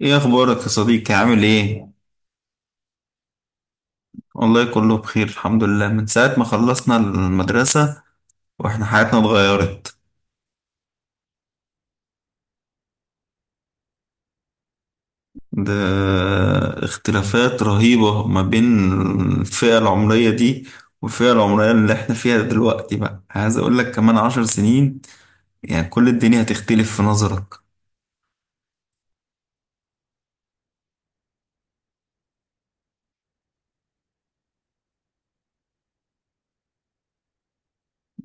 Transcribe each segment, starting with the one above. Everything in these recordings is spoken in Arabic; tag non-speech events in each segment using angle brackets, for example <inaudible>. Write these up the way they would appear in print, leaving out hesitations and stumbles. ايه اخبارك يا صديقي؟ عامل ايه؟ والله كله بخير الحمد لله. من ساعة ما خلصنا المدرسة واحنا حياتنا اتغيرت. ده اختلافات رهيبة ما بين الفئة العمرية دي والفئة العمرية اللي احنا فيها دلوقتي، بقى عايز اقول لك كمان 10 سنين يعني كل الدنيا هتختلف في نظرك.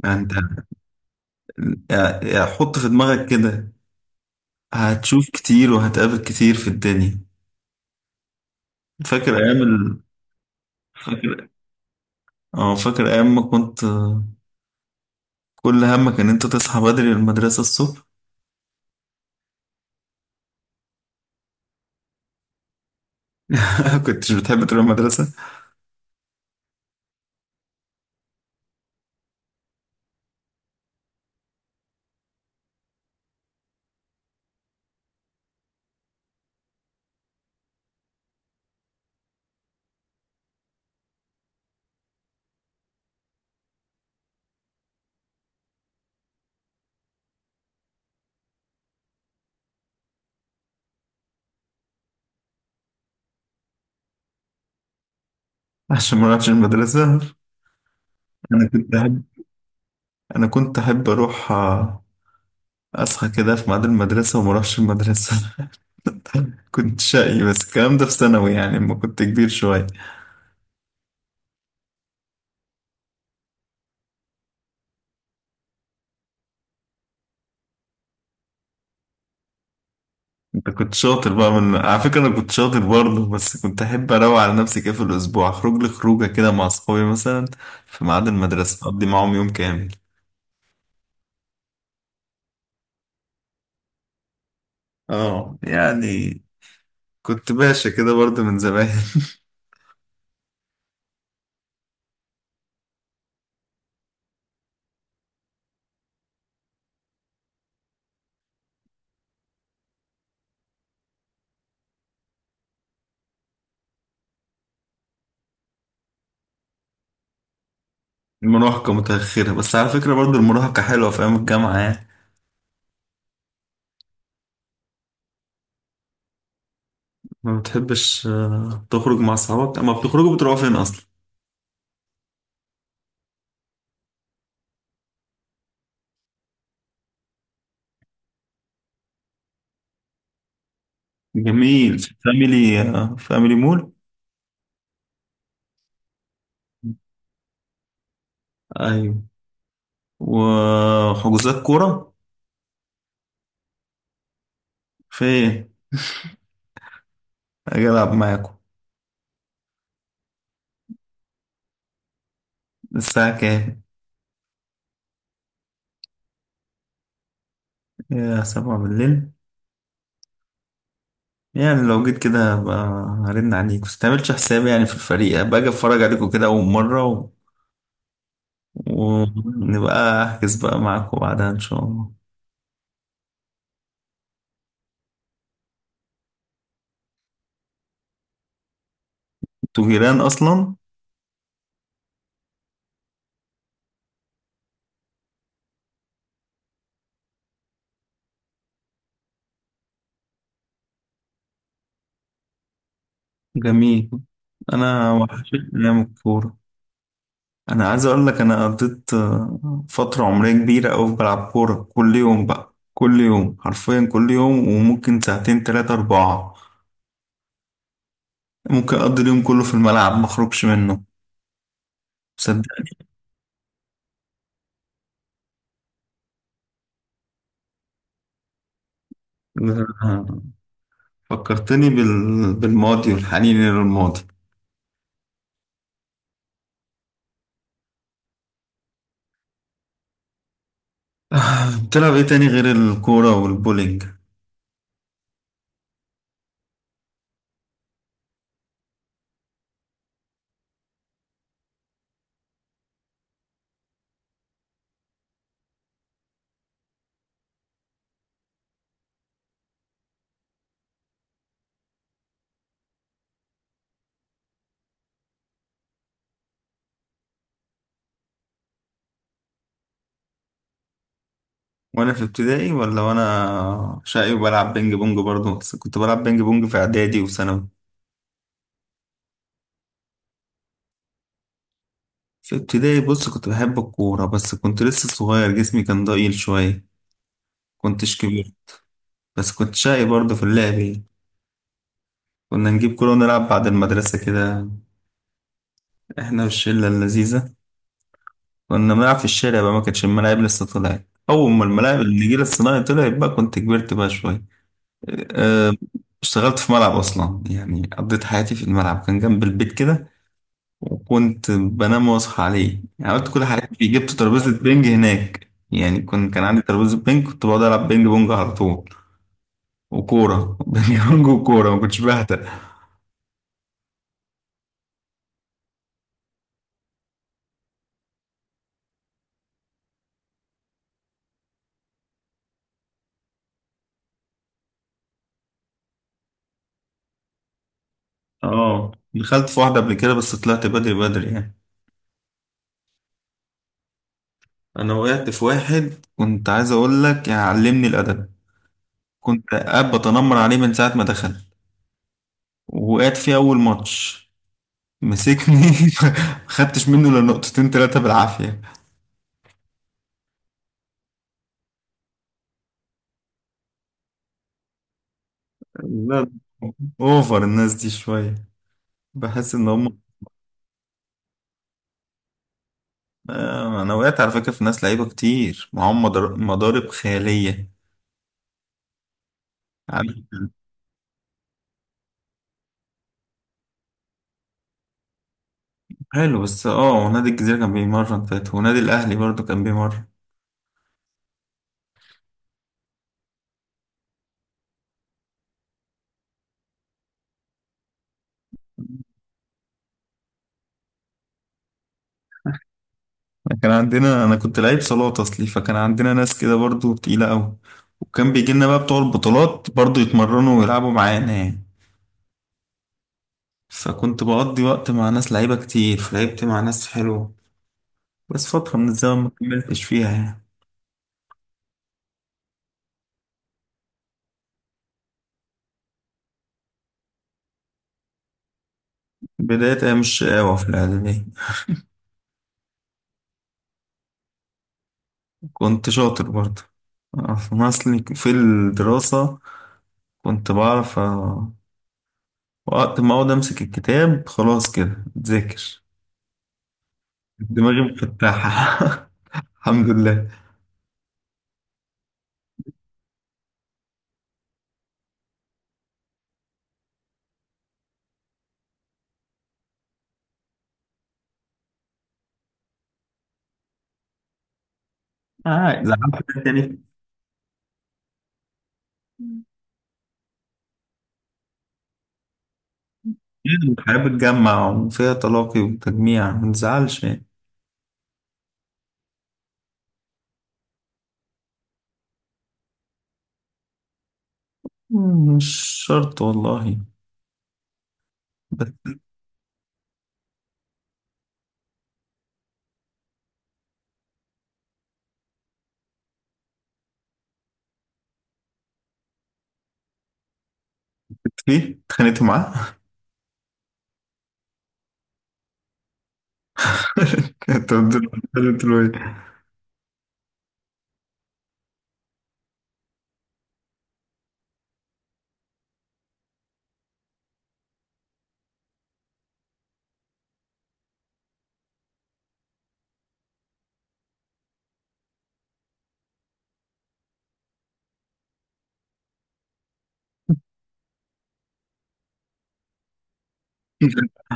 يعني انت، يعني حط في دماغك كده، هتشوف كتير وهتقابل كتير في الدنيا. فاكر ايام ال... فاكر اه، فاكر ايام ما كنت كل همك ان انت تصحى بدري للمدرسة الصبح. <laughs> كنتش بتحب تروح المدرسة عشان ما اروحش المدرسة؟ انا كنت احب انا كنت احب اروح، اصحى كده في ميعاد المدرسة وما اروحش المدرسة. <laughs> كنت شقي، بس الكلام ده في ثانوي يعني لما كنت كبير شوية. انت كنت شاطر بقى؟ من على فكرة انا كنت شاطر برضه، بس كنت احب اروق على نفسي كده في الاسبوع، اخرج لي خروجة كده مع اصحابي مثلا في ميعاد المدرسة اقضي معاهم يوم كامل. اه يعني، كنت باشا كده برضه من زمان. <laughs> المراهقة متأخرة، بس على فكرة برضو المراهقة حلوة في أيام الجامعة يعني. ما بتحبش تخرج مع صحابك؟ أما بتخرجوا بتروحوا فين أصلا؟ جميل، في فاميلي، فاميلي مول. أيوة، وحجوزات كورة؟ فين؟ أجي ألعب معاكم. الساعة كام؟ يا سبعة بالليل؟ يعني لو جيت كده هبقى هرن عليك، بس متعملش حسابي يعني في الفريق، باجي أتفرج عليكم كده أول مرة ونبقى أحجز بقى معاكم بعدها إن شاء الله. انتوا جيران أصلا؟ جميل. انا وحشتني ايام الكوره. انا عايز اقول لك، انا قضيت فتره عمريه كبيره قوي بلعب كوره كل يوم، بقى كل يوم حرفيا، كل يوم وممكن ساعتين 3 4. ممكن اقضي اليوم كله في الملعب ما اخرجش منه، صدقني. <laughs> آه، فكرتني بالماضي والحنين للماضي. آه، <laughs> بتلعب ايه تاني غير الكوره والبولينج؟ وانا في ابتدائي؟ ولا وانا شقي وبلعب بينج بونج برضه؟ بس كنت بلعب بينج بونج في اعدادي وثانوي. في ابتدائي بص، كنت بحب الكورة بس كنت لسه صغير، جسمي كان ضئيل شوية، كنتش كبير. بس كنت شقي برضه في اللعب يعني. كنا نجيب كورة ونلعب بعد المدرسة كده، احنا والشلة اللذيذة. كنا بنلعب في الشارع بقى، ما كانتش الملاعب لسه طلعت. أول ما الملاعب النجيل الصناعي طلعت بقى كنت كبرت بقى شوية. أه، اشتغلت في ملعب أصلا، يعني قضيت حياتي في الملعب، كان جنب البيت كده وكنت بنام واصحى عليه. يعني عملت كل حاجات فيه، جبت ترابيزة بينج هناك، يعني كنت كان عندي ترابيزة بينج كنت بقعد ألعب بينج بونج على طول. وكورة <laughs> بينج بونج وكورة، ما كنتش بهتر. اه دخلت في واحدة قبل كده بس طلعت بدري بدري يعني. أنا وقعت في واحد كنت عايز أقول لك، يعني علمني الأدب. كنت قاعد بتنمر عليه من ساعة ما دخل، وقعت فيه أول ماتش، مسكني. <laughs> ما خدتش منه إلا نقطتين تلاتة بالعافية. لا، اوفر الناس دي شوية. بحس ان هم، آه، انا وقعت على فكره في ناس لعيبه كتير معاهم مضارب خياليه، عارف؟ حلو، بس اه ونادي الجزيره كان بيمرن فات، ونادي الاهلي برضو كان بيمرن. كان عندنا، انا كنت لعيب صالات اصلي، فكان عندنا ناس كده برضو تقيله قوي. وكان بيجي لنا بقى بتوع البطولات برضو يتمرنوا ويلعبوا معانا يعني. فكنت بقضي وقت مع ناس لعيبه كتير، فلعبت مع ناس حلوه، بس فتره من الزمن ما كملتش فيها يعني. بدايه ايام الشقاوه في الاعداديه كنت شاطر برضه، آه، أنا أصلي في الدراسة كنت بعرف، آه، وقت ما أقعد أمسك الكتاب خلاص كده أتذاكر. دماغي مفتحة <laughs> الحمد لله. آه زعلت تاني. الحياة بتجمع وفيها تلاقي وتجميع، ما تزعلش يعني. مم، مش شرط والله. بس في اتخانقت معاه؟ <laughs> كنت بدل- بدل- بدل- <laughs>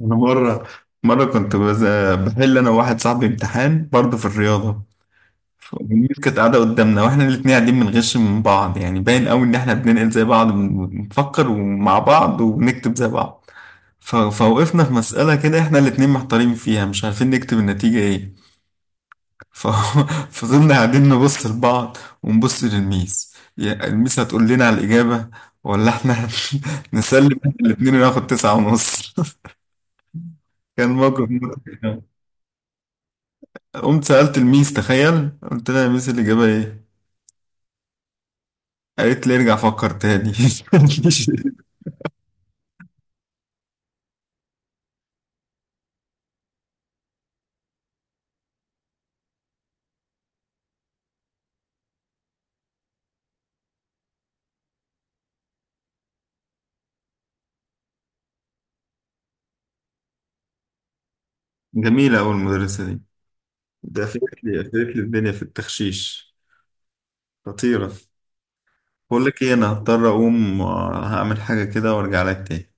انا مره مره بحل انا وواحد صاحبي امتحان برضه في الرياضه. الناس كانت قاعدة قدامنا، واحنا الاتنين قاعدين بنغش من بعض، يعني باين قوي ان احنا بننقل زي بعض، بنفكر ومع بعض وبنكتب زي بعض. فوقفنا في مسألة كده احنا الاتنين محتارين فيها مش عارفين نكتب النتيجة ايه. ف- <laughs> فضلنا قاعدين نبص لبعض ونبص للميس، يا الميس هتقول لنا على الإجابة، ولا احنا <laughs> نسلم احنا الاتنين وناخد 9 ونص. <laughs> كان موقف مضحك قوي. قمت سألت الميس، تخيل، قلت لها يا ميس الإجابة ايه؟ قالت لي ارجع فكر تاني. <laughs> جميلة أوي المدرسة دي. ده قفلت لي الدنيا في التخشيش، خطيرة. بقول لك إيه، أنا هضطر أقوم، آه، هعمل حاجة كده وأرجع لك تاني.